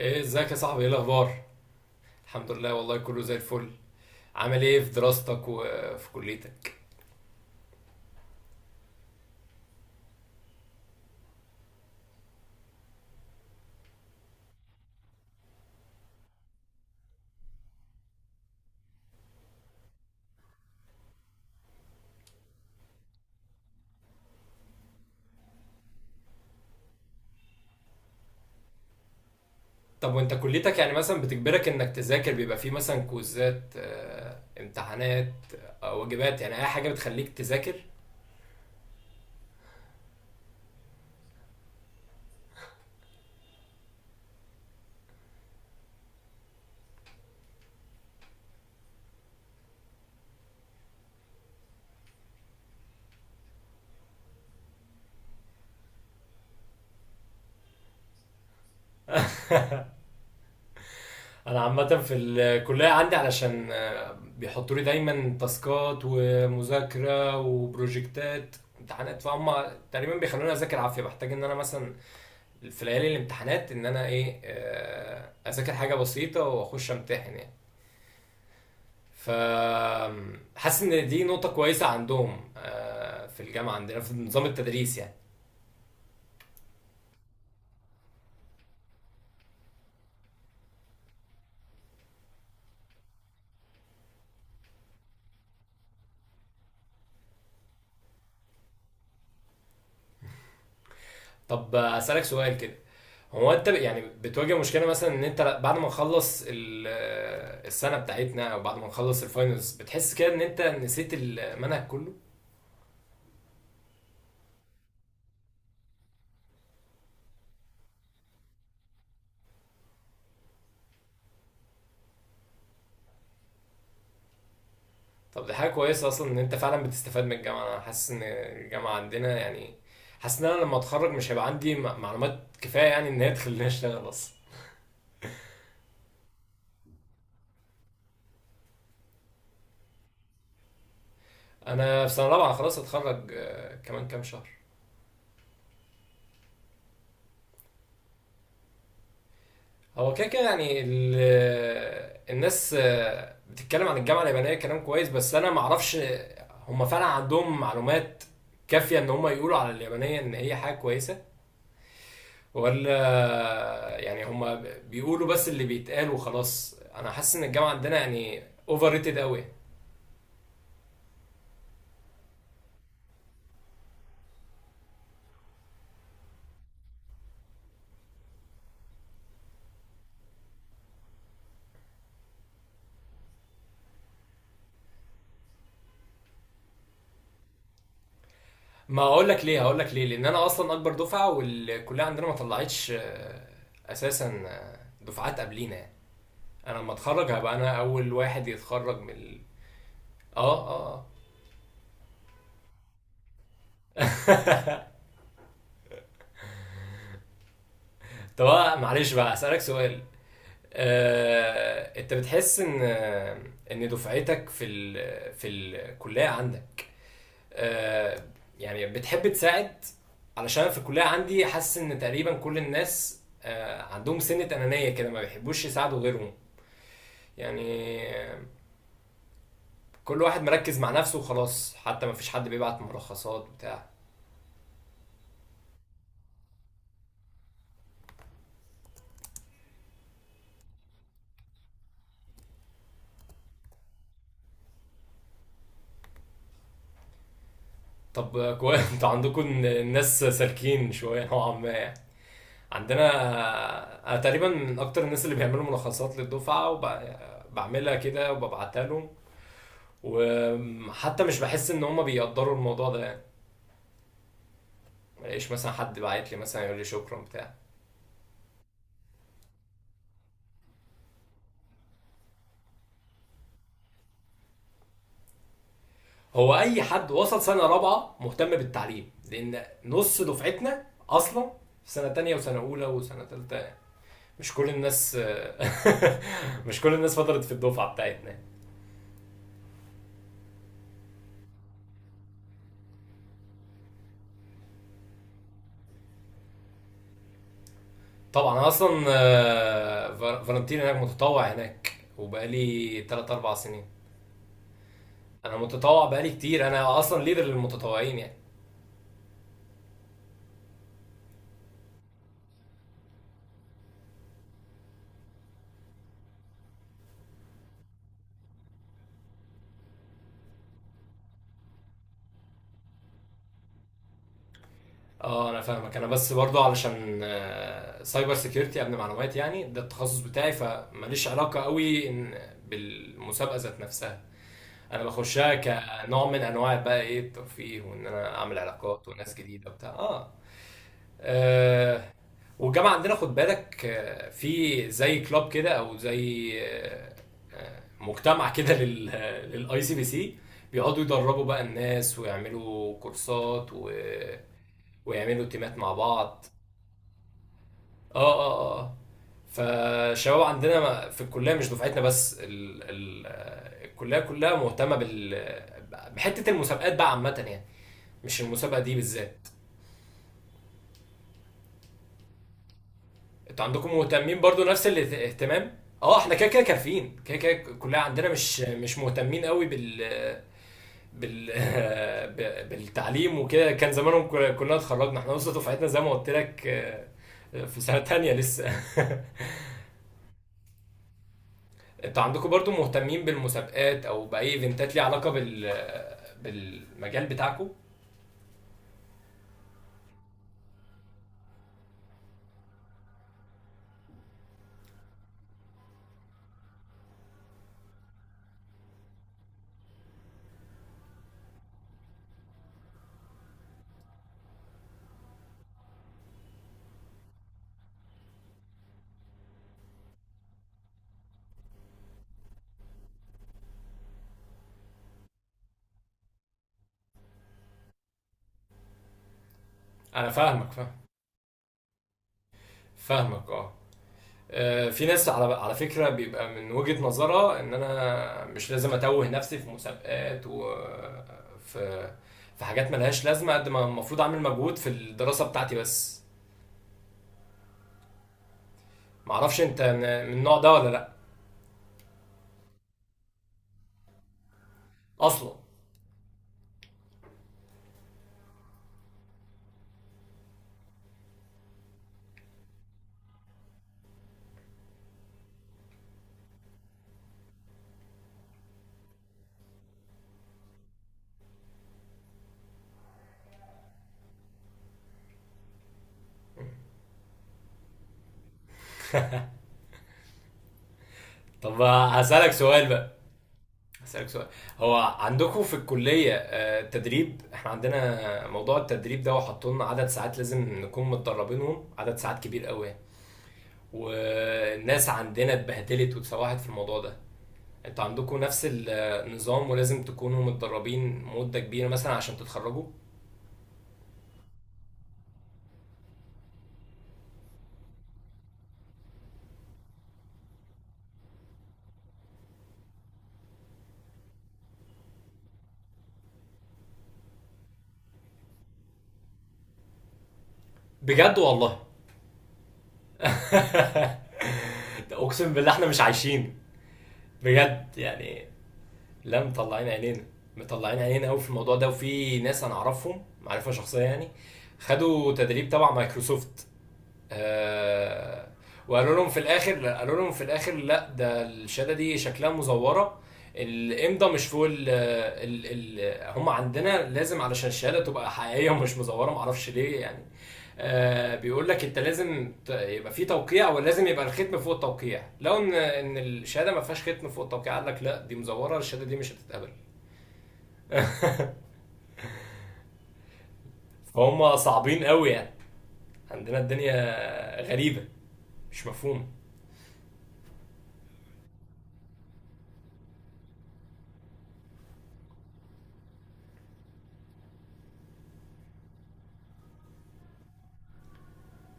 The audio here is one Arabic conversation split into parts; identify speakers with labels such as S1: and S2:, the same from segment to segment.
S1: ايه ازيك يا صاحبي؟ ايه الاخبار؟ الحمد لله والله كله زي الفل. عامل ايه في دراستك وفي كليتك؟ طب وانت كليتك يعني مثلا بتجبرك انك تذاكر؟ بيبقى فيه مثلا كوزات، امتحانات، واجبات، يعني اي حاجه بتخليك تذاكر؟ انا عامه في الكليه عندي، علشان بيحطوا لي دايما تاسكات ومذاكره وبروجكتات امتحانات، فهم تقريبا بيخلوني اذاكر عافيه. بحتاج ان انا مثلا في ليالي الامتحانات ان انا ايه، اذاكر حاجه بسيطه واخش امتحن يعني. ف حاسس ان دي نقطة كويسة عندهم، في الجامعة عندنا في نظام التدريس يعني. طب اسألك سؤال كده، هو انت يعني بتواجه مشكلة مثلا ان انت بعد ما نخلص السنة بتاعتنا، او بعد ما نخلص الفاينلز، بتحس كده ان انت نسيت المنهج كله؟ طب دي حاجة كويسة اصلا ان انت فعلا بتستفاد من الجامعة. انا حاسس ان الجامعة عندنا يعني، حاسس ان انا لما اتخرج مش هيبقى عندي معلومات كفاية يعني، ان هي تخليني اشتغل اصلا. انا في سنة رابعة خلاص، هتخرج كمان كام شهر. هو كده كده يعني الناس بتتكلم عن الجامعة اليابانية كلام كويس، بس أنا معرفش هما فعلا عندهم معلومات كافية إن هما يقولوا على اليابانية إن هي حاجة كويسة ولا يعني هما بيقولوا بس اللي بيتقال وخلاص. أنا حاسس إن الجامعة عندنا يعني أوفر ريتد أوي. ما أقول لك ليه، هقول لك ليه. لأن أنا أصلا أكبر دفعة، والكلية عندنا ما طلعتش أساسا، دفعات قبلينا يعني. أنا لما أتخرج هبقى أنا أول واحد يتخرج من آه. آه آه. طب أنا معلش بقى اسالك سؤال. انت بتحس ان ان دفعتك في في الكليه عندك، آه، يعني بتحب تساعد؟ علشان أنا في الكليه عندي حاسس ان تقريبا كل الناس عندهم سنه انانيه كده، ما بيحبوش يساعدوا غيرهم يعني. كل واحد مركز مع نفسه وخلاص، حتى ما فيش حد بيبعت ملخصات بتاع. طب كويس انتوا عندكم الناس سالكين شويه نوعا ما يعني. عندنا انا تقريبا من اكتر الناس اللي بيعملوا ملخصات للدفعه، وبعملها كده وببعتها لهم، وحتى مش بحس ان هما بيقدروا الموضوع ده يعني. ملاقيش مثلا حد بعت لي مثلا يقول لي شكرا بتاع. هو اي حد وصل سنه رابعه مهتم بالتعليم، لان نص دفعتنا اصلا في سنه تانية وسنه اولى وسنه تالتة. مش كل الناس مش كل الناس فضلت في الدفعه بتاعتنا. طبعا انا اصلا فالنتين هناك، متطوع هناك وبقالي 3 4 سنين. انا متطوع بقالي كتير، انا اصلا ليدر للمتطوعين يعني. اه انا فاهمك. انا بس برضو علشان سايبر سيكيورتي، امن معلومات، يعني ده التخصص بتاعي. فماليش علاقه قوي إن بالمسابقه ذات نفسها، انا بخشها كنوع من انواع بقى ايه الترفيه، وان انا اعمل علاقات وناس جديده وبتاع. اه آه، والجامعه عندنا خد بالك، في زي كلاب كده او زي مجتمع كده للاي سي بي سي، بيقعدوا يدربوا بقى الناس ويعملوا كورسات ويعملوا تيمات مع بعض. اه اه اه آه. فالشباب عندنا في الكليه، مش دفعتنا بس، ال... ال... آه، الكليه كلها مهتمه بال آه، بحته المسابقات بقى عامه يعني، مش المسابقه دي بالذات. انتوا عندكم مهتمين برضو نفس الاهتمام؟ اه احنا كده كده كافيين، كده كده كلها عندنا مش مهتمين قوي بال بال بالتعليم وكده، كان زمانهم كنا اتخرجنا، احنا لسه دفعتنا زي ما قلت لك، في سنة تانية لسه. انتوا عندكم برضو مهتمين بالمسابقات او باي ايفنتات ليها علاقة بالمجال بتاعكم؟ انا فاهمك، فاهم فاهمك، اه. في ناس على على فكرة بيبقى من وجهة نظرها ان انا مش لازم اتوه نفسي في مسابقات وفي في حاجات ملهاش لازمة، قد ما المفروض اعمل مجهود في الدراسة بتاعتي بس. معرفش انت من النوع ده ولا لا اصلا. طب هسألك سؤال بقى، هسألك سؤال. هو عندكم في الكلية، تدريب؟ احنا عندنا موضوع التدريب ده، وحطوا لنا عدد ساعات لازم نكون متدربينهم، عدد ساعات كبير قوي، والناس عندنا اتبهدلت واتسوحت في الموضوع ده. انتوا عندكم نفس النظام ولازم تكونوا متدربين مدة كبيرة مثلا عشان تتخرجوا؟ بجد والله! اقسم بالله احنا مش عايشين، بجد يعني. لا مطلعين عينينا، مطلعين عينينا قوي في الموضوع ده. وفي ناس انا اعرفهم معرفة شخصية يعني، خدوا تدريب تبع مايكروسوفت، آه، وقالوا لهم في الاخر، قالوا لهم في الاخر، لا ده الشهاده دي شكلها مزوره. الامضه مش فوق ال ال ال هم عندنا لازم علشان الشهاده تبقى حقيقيه ومش مزوره، معرفش ليه يعني. آه بيقول لك انت لازم يبقى في توقيع، ولازم يبقى الختم فوق التوقيع، لو ان الشهاده ما فيهاش ختم فوق التوقيع، قال لك لا دي مزوره، الشهاده دي مش هتتقبل. فهم صعبين قوي يعني. عندنا الدنيا غريبه، مش مفهومه.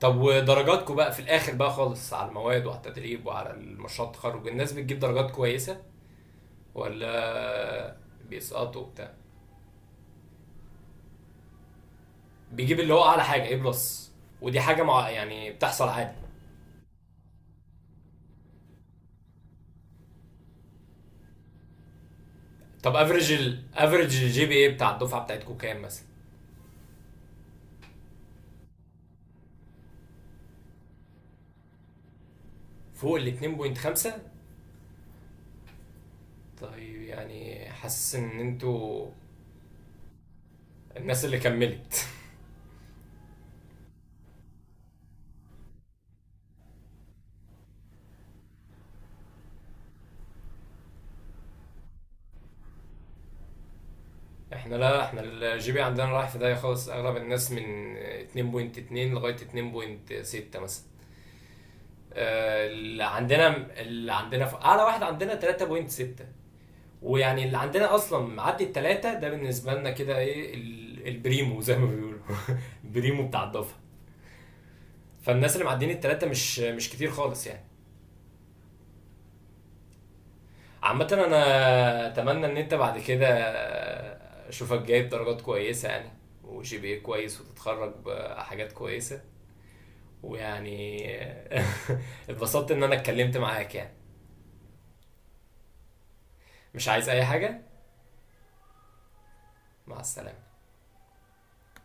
S1: طب ودرجاتكم بقى في الاخر بقى خالص، على المواد وعلى التدريب وعلى المشروع التخرج، الناس بتجيب درجات كويسه ولا بيسقطوا وبتاع؟ بيجيب اللي هو اعلى حاجه ايه بلس، ودي حاجه مع يعني بتحصل عادي. طب افريج الافريج الجي بي اي بتاع الدفعه بتاعتكم كام مثلا؟ فوق ال 2.5؟ طيب يعني حاسس ان انتوا الناس اللي كملت. احنا لا، احنا الجي بي عندنا رايح في داهيه خالص. اغلب الناس من 2.2 لغايه 2.6 مثلا، اللي عندنا، اللي عندنا اعلى واحد عندنا 3.6. ويعني اللي عندنا اصلا معدي التلاتة، ده بالنسبه لنا كده ايه البريمو زي ما بيقولوا. البريمو بتاع الدفعه. فالناس اللي معديين التلاتة مش مش كتير خالص يعني. عامه انا اتمنى ان انت بعد كده اشوفك جايب درجات كويسه يعني، وجي بي إيه كويس، وتتخرج بحاجات كويسه ويعني. اتبسطت ان انا اتكلمت معاك يعني، مش عايز اي حاجه. مع السلامه.